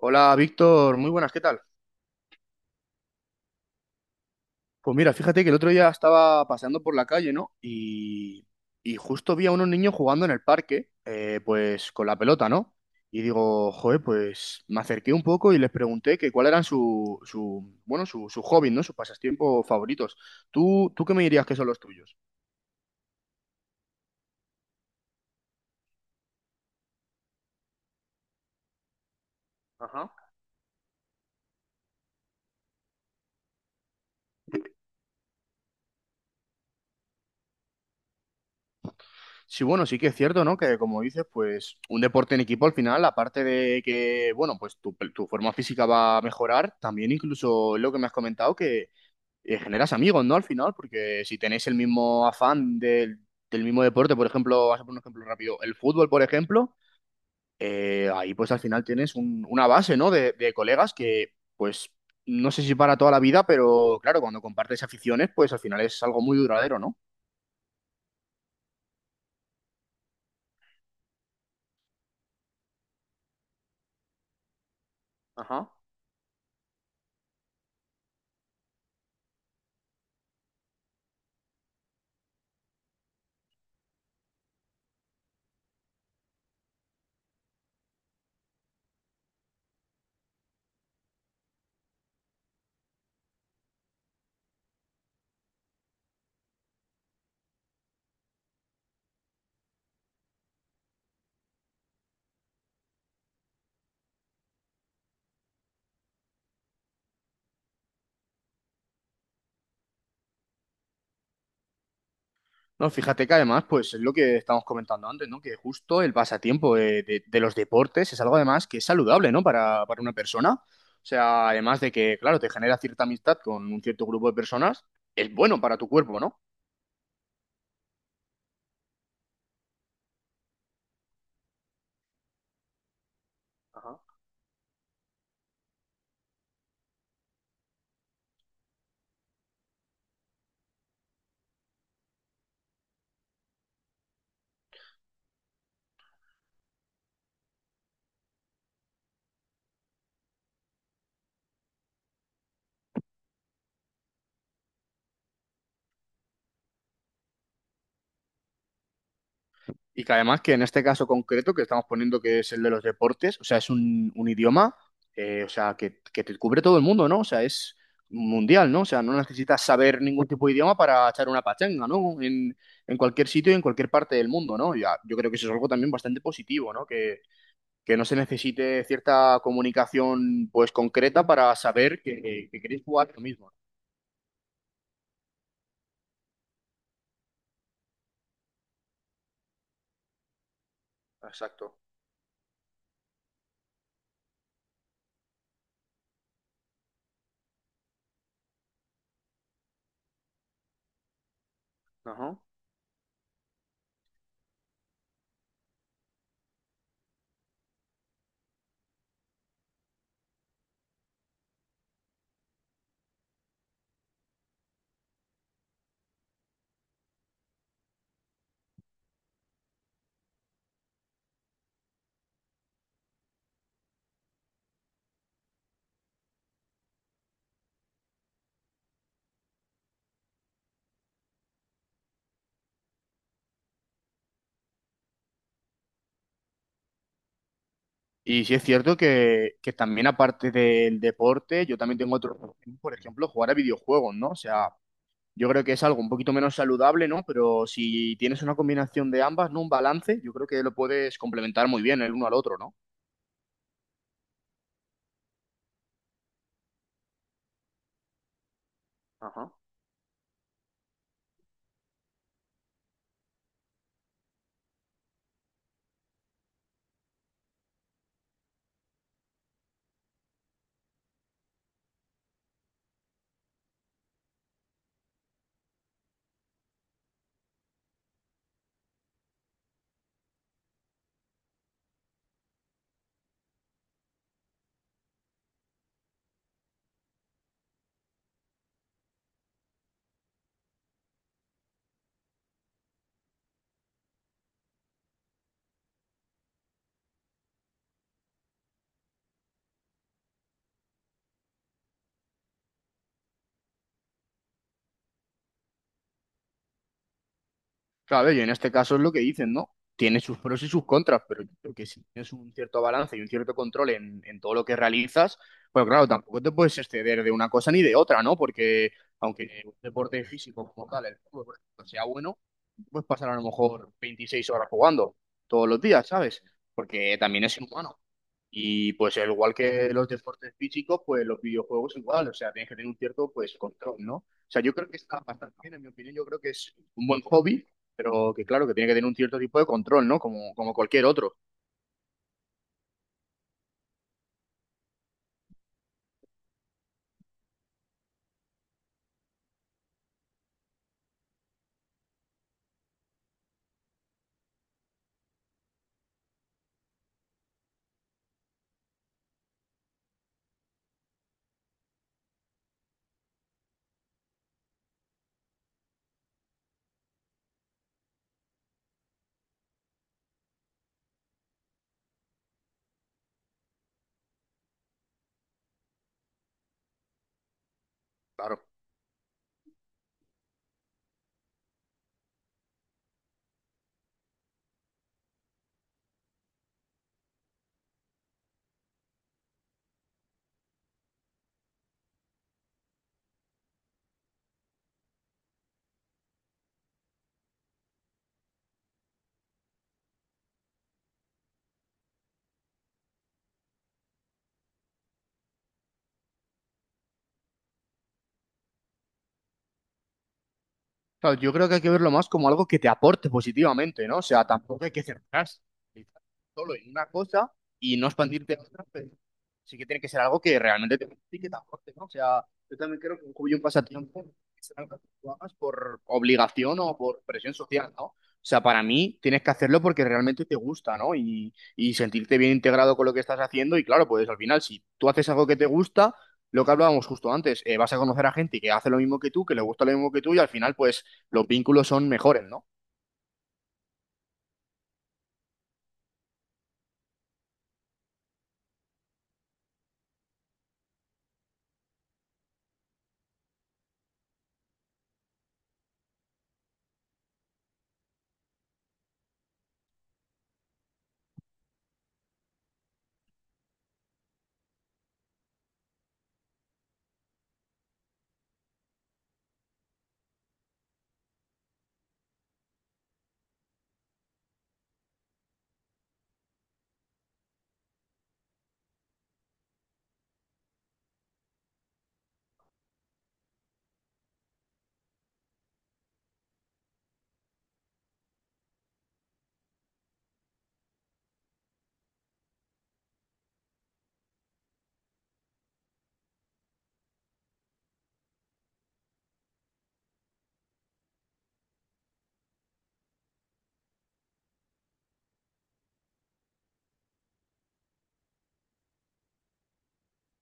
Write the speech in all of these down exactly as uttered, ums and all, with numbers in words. Hola Víctor, muy buenas, ¿qué tal? Pues mira, fíjate que el otro día estaba paseando por la calle, ¿no? Y, y justo vi a unos niños jugando en el parque, eh, pues con la pelota, ¿no? Y digo, joder, pues me acerqué un poco y les pregunté que cuál eran su, su bueno, su, su hobby, ¿no? Sus pasatiempos favoritos. ¿Tú, tú qué me dirías que son los tuyos? Ajá. Sí, bueno, sí que es cierto, ¿no? Que como dices, pues un deporte en equipo al final, aparte de que, bueno, pues tu, tu forma física va a mejorar, también incluso lo que me has comentado, que eh, generas amigos, ¿no? Al final, porque si tenéis el mismo afán del, del mismo deporte, por ejemplo, vas a poner un ejemplo rápido, el fútbol, por ejemplo, eh, ahí pues al final tienes un- una base, ¿no? De, de colegas que, pues, no sé si para toda la vida, pero claro, cuando compartes aficiones, pues al final es algo muy duradero, ¿no? Ajá. No, fíjate que además, pues es lo que estamos comentando antes, ¿no? Que justo el pasatiempo de, de- de los deportes es algo además que es saludable, ¿no? Para, para una persona. O sea, además de que, claro, te genera cierta amistad con un cierto grupo de personas, es bueno para tu cuerpo, ¿no? Y que además que en este caso concreto que estamos poniendo que es el de los deportes, o sea, es un, un idioma, eh, o sea, que, que te cubre todo el mundo, ¿no? O sea, es mundial, ¿no? O sea, no necesitas saber ningún tipo de idioma para echar una pachanga, ¿no? En, en cualquier sitio y en cualquier parte del mundo, ¿no? Ya, yo creo que eso es algo también bastante positivo, ¿no? Que, que no se necesite cierta comunicación, pues, concreta para saber que, que queréis jugar lo mismo. Exacto. Ajá. Y sí es cierto que, que también aparte del deporte, yo también tengo otro, por ejemplo, jugar a videojuegos, ¿no? O sea, yo creo que es algo un poquito menos saludable, ¿no? Pero si tienes una combinación de ambas, ¿no? Un balance, yo creo que lo puedes complementar muy bien el uno al otro, ¿no? Ajá. Claro, y en este caso es lo que dicen, ¿no? Tiene sus pros y sus contras, pero yo creo que si tienes un cierto balance y un cierto control en, en todo lo que realizas, pues claro, tampoco te puedes exceder de una cosa ni de otra, ¿no? Porque aunque un deporte físico como tal, el fútbol, por ejemplo, sea bueno, puedes pasar a lo mejor veintiséis horas jugando todos los días, ¿sabes? Porque también es inhumano. Y pues al igual que los deportes físicos, pues los videojuegos igual, o sea, tienes que tener un cierto pues control, ¿no? O sea, yo creo que está bastante bien, en mi opinión, yo creo que es un buen hobby, pero que claro, que tiene que tener un cierto tipo de control, ¿no? Como, como cualquier otro, claro. Claro, yo creo que hay que verlo más como algo que te aporte positivamente, ¿no? O sea, tampoco hay que cerrarse solo en una cosa y no expandirte a otra, pero sí que tiene que ser algo que realmente te guste y que te aporte, ¿no? O sea, yo también creo que un hobby y un pasatiempo es algo que tú hagas por obligación o por presión social, ¿no? O sea, para mí tienes que hacerlo porque realmente te gusta, ¿no? Y, y sentirte bien integrado con lo que estás haciendo. Y claro, pues al final, si tú haces algo que te gusta, lo que hablábamos justo antes, eh, vas a conocer a gente que hace lo mismo que tú, que le gusta lo mismo que tú, y al final, pues los vínculos son mejores, ¿no?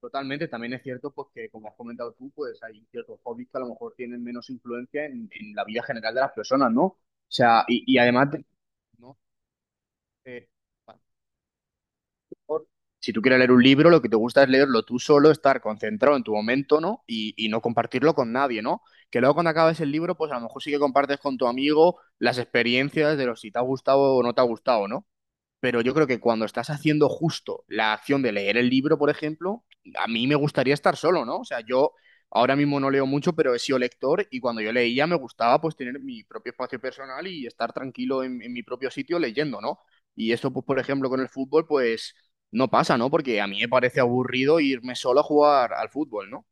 Totalmente, también es cierto pues, que, como has comentado tú, pues hay ciertos hobbies que a lo mejor tienen menos influencia en, en la vida general de las personas, ¿no? O sea, y, y además, de- ¿no? Eh, a lo mejor, si tú quieres leer un libro, lo que te gusta es leerlo tú solo, estar concentrado en tu momento, ¿no? Y, y no compartirlo con nadie, ¿no? Que luego cuando acabes el libro, pues a lo mejor sí que compartes con tu amigo las experiencias de los si te ha gustado o no te ha gustado, ¿no? Pero yo creo que cuando estás haciendo justo la acción de leer el libro, por ejemplo, a mí me gustaría estar solo, ¿no? O sea, yo ahora mismo no leo mucho, pero he sido lector y cuando yo leía me gustaba pues tener mi propio espacio personal y estar tranquilo en, en mi propio sitio leyendo, ¿no? Y eso, pues, por ejemplo, con el fútbol, pues no pasa, ¿no? Porque a mí me parece aburrido irme solo a jugar al fútbol, ¿no?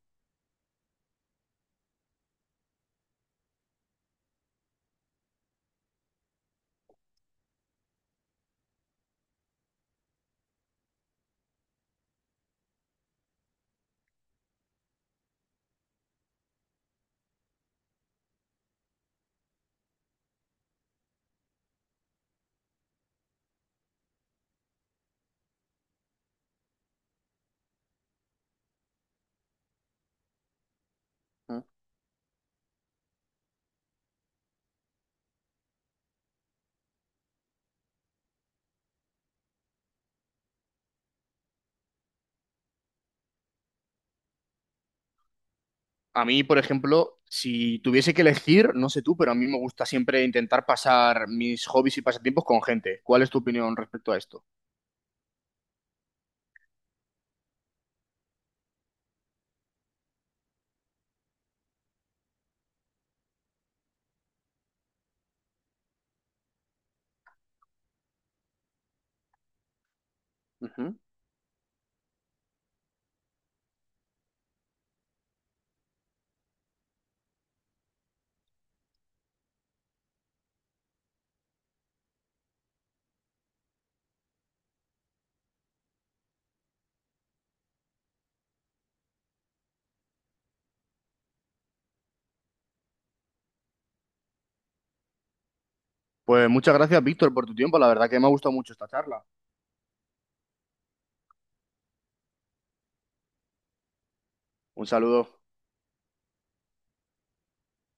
Mm. A mí, por ejemplo, si tuviese que elegir, no sé tú, pero a mí me gusta siempre intentar pasar mis hobbies y pasatiempos con gente. ¿Cuál es tu opinión respecto a esto? Ujú. Pues muchas gracias, Víctor, por tu tiempo. La verdad que me ha gustado mucho esta charla. Un saludo.